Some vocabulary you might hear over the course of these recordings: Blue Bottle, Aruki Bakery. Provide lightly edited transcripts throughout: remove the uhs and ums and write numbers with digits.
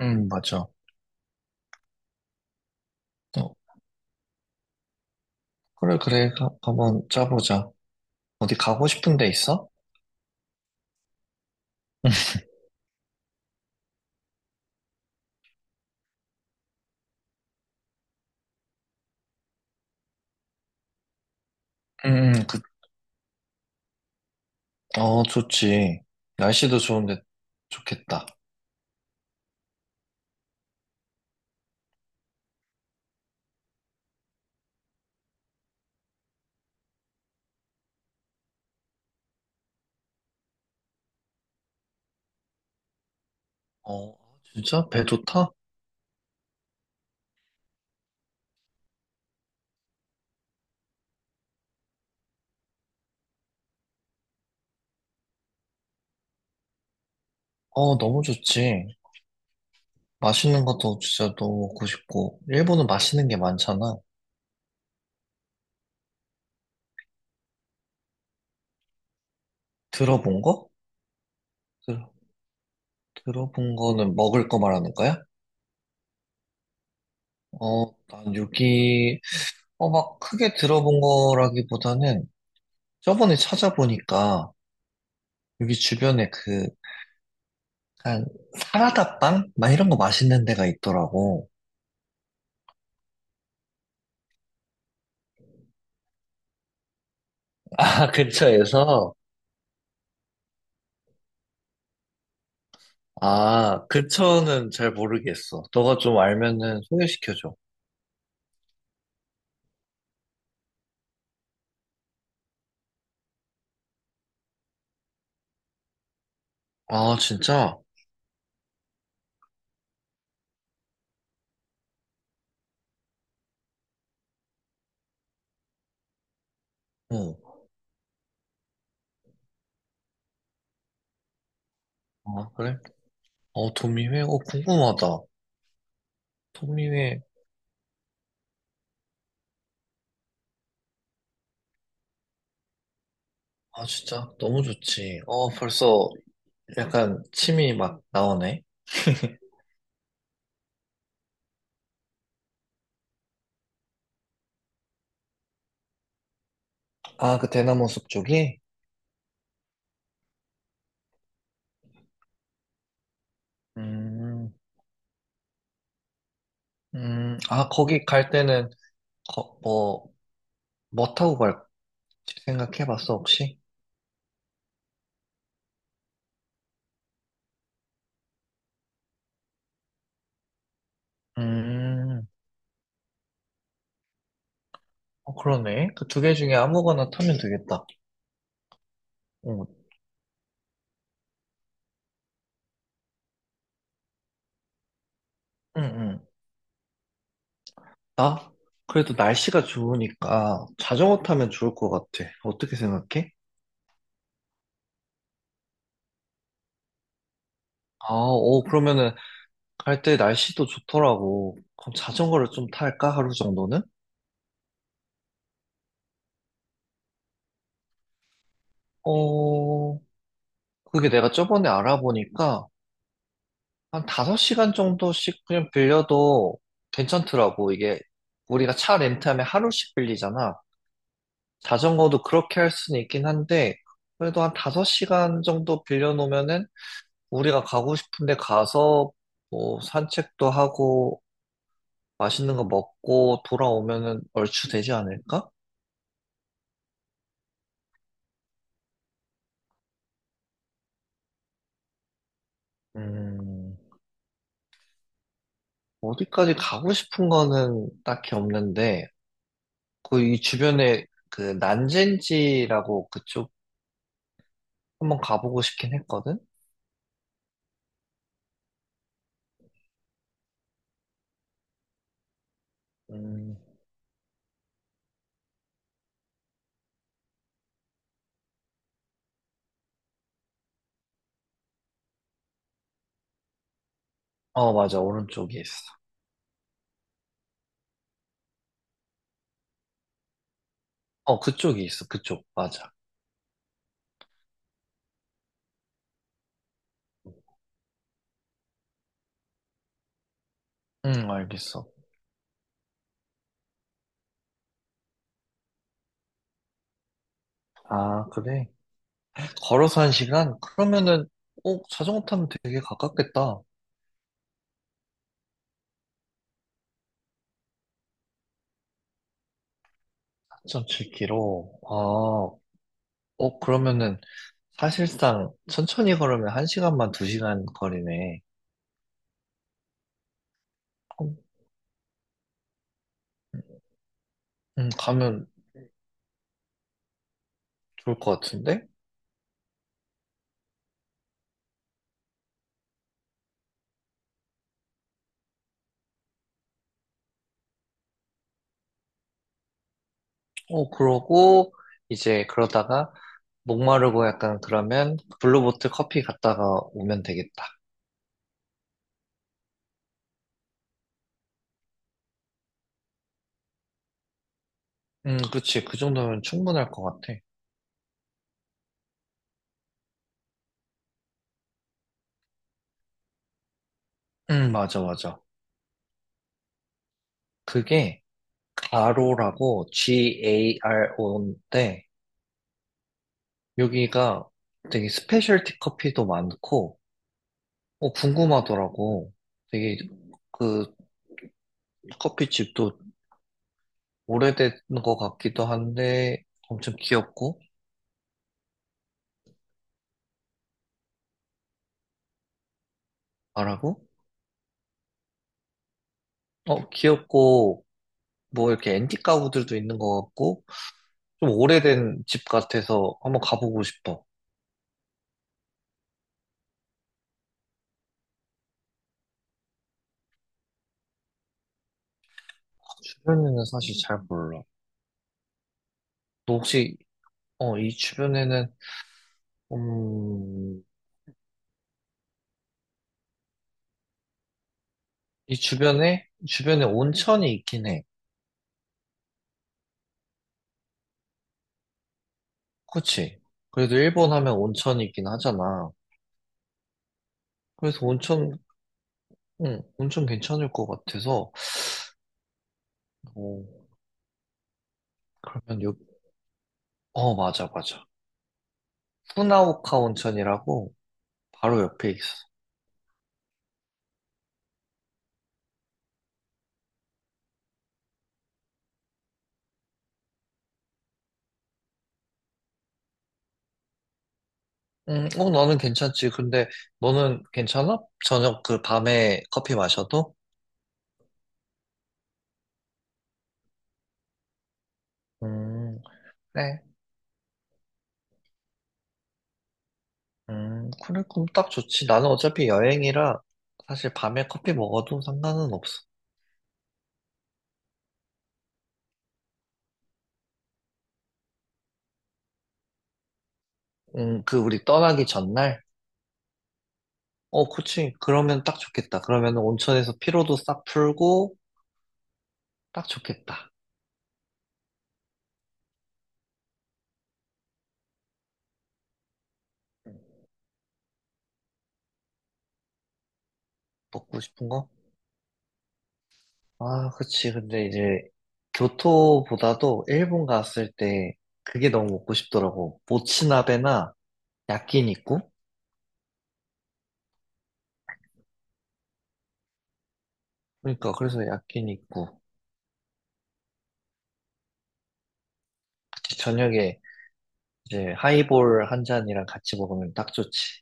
응, 맞아. 어, 그래, 그래. 한번 짜보자. 어디 가고 싶은 데 있어? 응, 응, 좋지. 날씨도 좋은데 좋겠다. 어, 진짜? 배 좋다? 너무 좋지. 맛있는 것도 진짜 너무 먹고 싶고. 일본은 맛있는 게 많잖아. 들어본 거? 들, 들어본 거는 먹을 거 말하는 거야? 난 여기, 막 크게 들어본 거라기보다는 저번에 찾아보니까 여기 주변에 그 약간 사라다빵? 막 이런 거 맛있는 데가 있더라고. 아, 근처에서? 아, 근처는 잘 모르겠어. 너가 좀 알면은 소개시켜줘. 아, 진짜? 어. 아, 그래? 어, 도미회? 궁금하다. 도미회. 아, 진짜? 너무 좋지. 벌써 약간 침이 막 나오네. 아, 그 대나무 숲 쪽이? 음, 거기 갈 때는, 거, 뭐, 뭐 타고 갈지 생각해봤어, 혹시? 음. 그러네. 그 2개 중에 아무거나 타면 되겠다. 응, 응, 응. 나? 그래도 날씨가 좋으니까 자전거 타면 좋을 것 같아. 어떻게 생각해? 그러면은 갈 때 날씨도 좋더라고. 그럼 자전거를 좀 탈까? 하루 정도는? 어, 그게 내가 저번에 알아보니까 한 5시간 정도씩 그냥 빌려도 괜찮더라고. 이게 우리가 차 렌트하면 하루씩 빌리잖아. 자전거도 그렇게 할 수는 있긴 한데, 그래도 한 5시간 정도 빌려놓으면은 우리가 가고 싶은데 가서 뭐 산책도 하고 맛있는 거 먹고 돌아오면은 얼추 되지 않을까? 음, 어디까지 가고 싶은 거는 딱히 없는데, 그 이 주변에 그 난젠지라고 그쪽 한번 가보고 싶긴 했거든? 음, 맞아. 오른쪽에 있어. 그쪽이 있어. 그쪽. 맞아. 응, 알겠어. 아, 그래. 걸어서 1시간? 그러면은, 자전거 타면 되게 가깝겠다. 4.7km. 그러면은, 사실상, 천천히 걸으면 한시간만두시간 거리네. 음, 가면 좋을 것 같은데? 그러고, 이제, 그러다가, 목마르고 약간 그러면, 블루보틀 커피 갔다가 오면 되겠다. 그치. 그 정도면 충분할 것 같아. 맞아, 맞아. 그게, 가로라고, G-A-R-O인데, 여기가 되게 스페셜티 커피도 많고, 궁금하더라고. 되게 그 커피집도 오래된 것 같기도 한데, 엄청 귀엽고, 말하고, 귀엽고, 뭐 이렇게 앤틱 가구들도 있는 것 같고, 좀 오래된 집 같아서 한번 가보고 싶어. 주변에는 사실 잘 몰라. 너 혹시, 이 주변에는, 음, 이 주변에 온천이 있긴 해. 그치. 그래도 일본 하면 온천이긴 하잖아. 그래서 온천, 응, 온천 괜찮을 것 같아서. 어, 그러면 맞아, 맞아. 후나오카 온천이라고 바로 옆에 있어. 응, 나는 괜찮지. 근데 너는 괜찮아? 저녁 그 밤에 커피 마셔도? 음, 그래. 그래, 그럼 딱 좋지. 나는 어차피 여행이라 사실 밤에 커피 먹어도 상관은 없어. 그 우리 떠나기 전날? 그치. 그러면 딱 좋겠다. 그러면 온천에서 피로도 싹 풀고, 딱 좋겠다. 먹고 싶은 거? 아, 그치. 근데 이제, 교토보다도 일본 갔을 때, 그게 너무 먹고 싶더라고. 모츠나베나 야끼니쿠? 그러니까, 그래서 야끼니쿠. 그치. 저녁에 이제 하이볼 한 잔이랑 같이 먹으면 딱 좋지.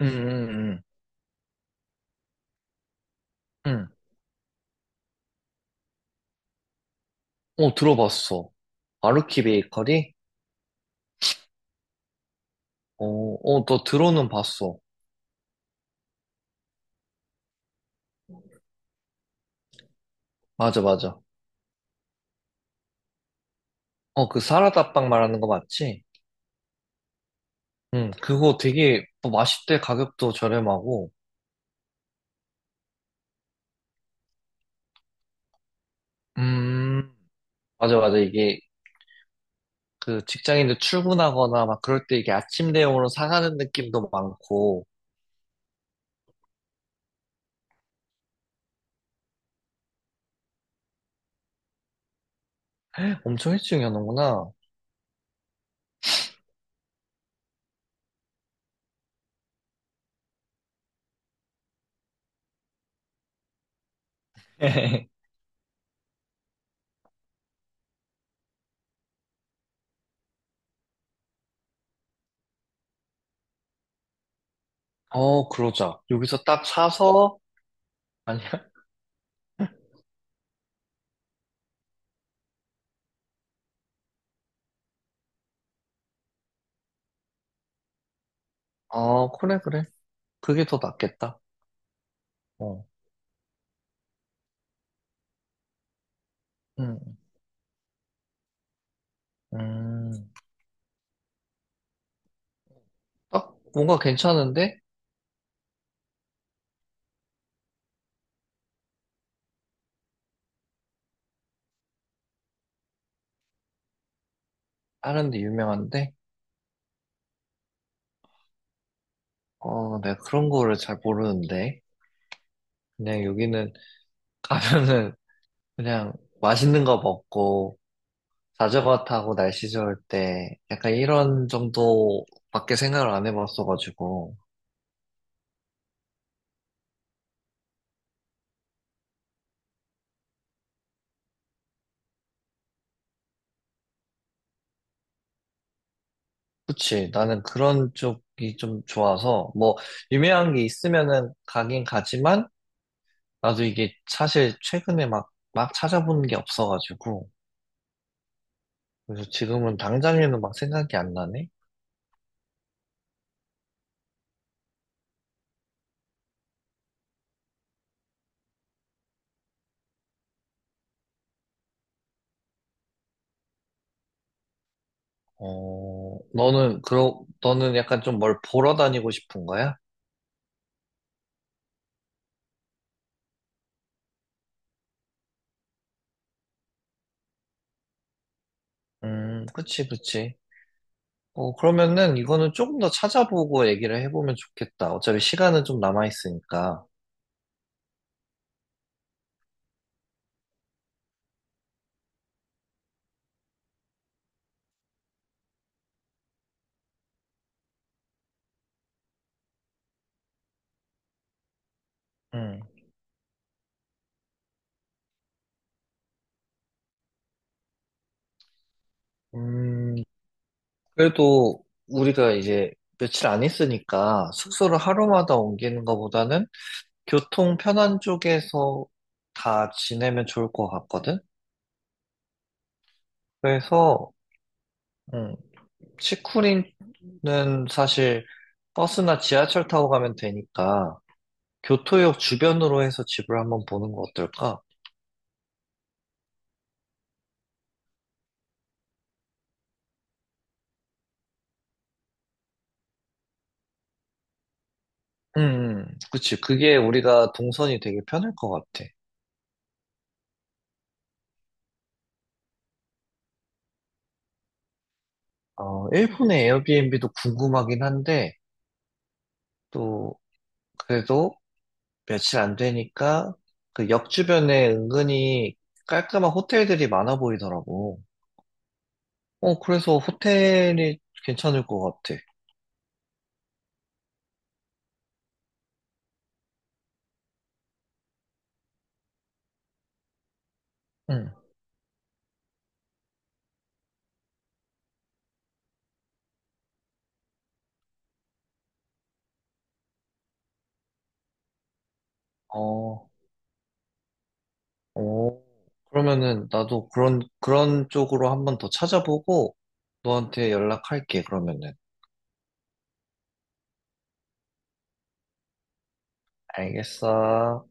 응, 응, 응, 응. 어, 들어봤어. 아루키 베이커리? 어, 어, 너 들어는 봤어. 맞아, 맞아. 그 사라다빵 말하는 거 맞지? 응, 그거 되게 뭐 맛있대 가격도 저렴하고. 음, 맞아, 맞아. 이게 그 직장인들 출근하거나 막 그럴 때 이게 아침 대용으로 사가는 느낌도 많고 엄청 일찍 여는구나. 그러자. 여기서 딱 사서, 아니야? 어, 그래, 그래. 그게 더 낫겠다. 어, 음, 음. 딱 뭔가 괜찮은데? 다른데 유명한데? 내가 그런 거를 잘 모르는데. 그냥 여기는 가면은 그냥 맛있는 거 먹고 자전거 타고 날씨 좋을 때 약간 이런 정도밖에 생각을 안 해봤어가지고 그치 나는 그런 쪽이 좀 좋아서 뭐 유명한 게 있으면은 가긴 가지만 나도 이게 사실 최근에 막 찾아보는 게 없어가지고 그래서 지금은 당장에는 막 생각이 안 나네. 너는 그러 너는 약간 좀 뭘 보러 다니고 싶은 거야? 그치 그치. 그러면은 이거는 조금 더 찾아보고 얘기를 해보면 좋겠다. 어차피 시간은 좀 남아있으니까. 음. 음, 그래도 우리가 이제 며칠 안 있으니까 숙소를 하루마다 옮기는 것보다는 교통 편한 쪽에서 다 지내면 좋을 것 같거든? 그래서, 음, 치쿠리는 사실 버스나 지하철 타고 가면 되니까 교토역 주변으로 해서 집을 한번 보는 거 어떨까? 그치. 그게 우리가 동선이 되게 편할 것 같아. 일본의 에어비앤비도 궁금하긴 한데, 또, 그래도 며칠 안 되니까, 그 역 주변에 은근히 깔끔한 호텔들이 많아 보이더라고. 그래서 호텔이 괜찮을 것 같아. 응. 어, 어. 그러면은 나도 그런 쪽으로 한번 더 찾아보고, 너한테 연락할게, 그러면은. 알겠어.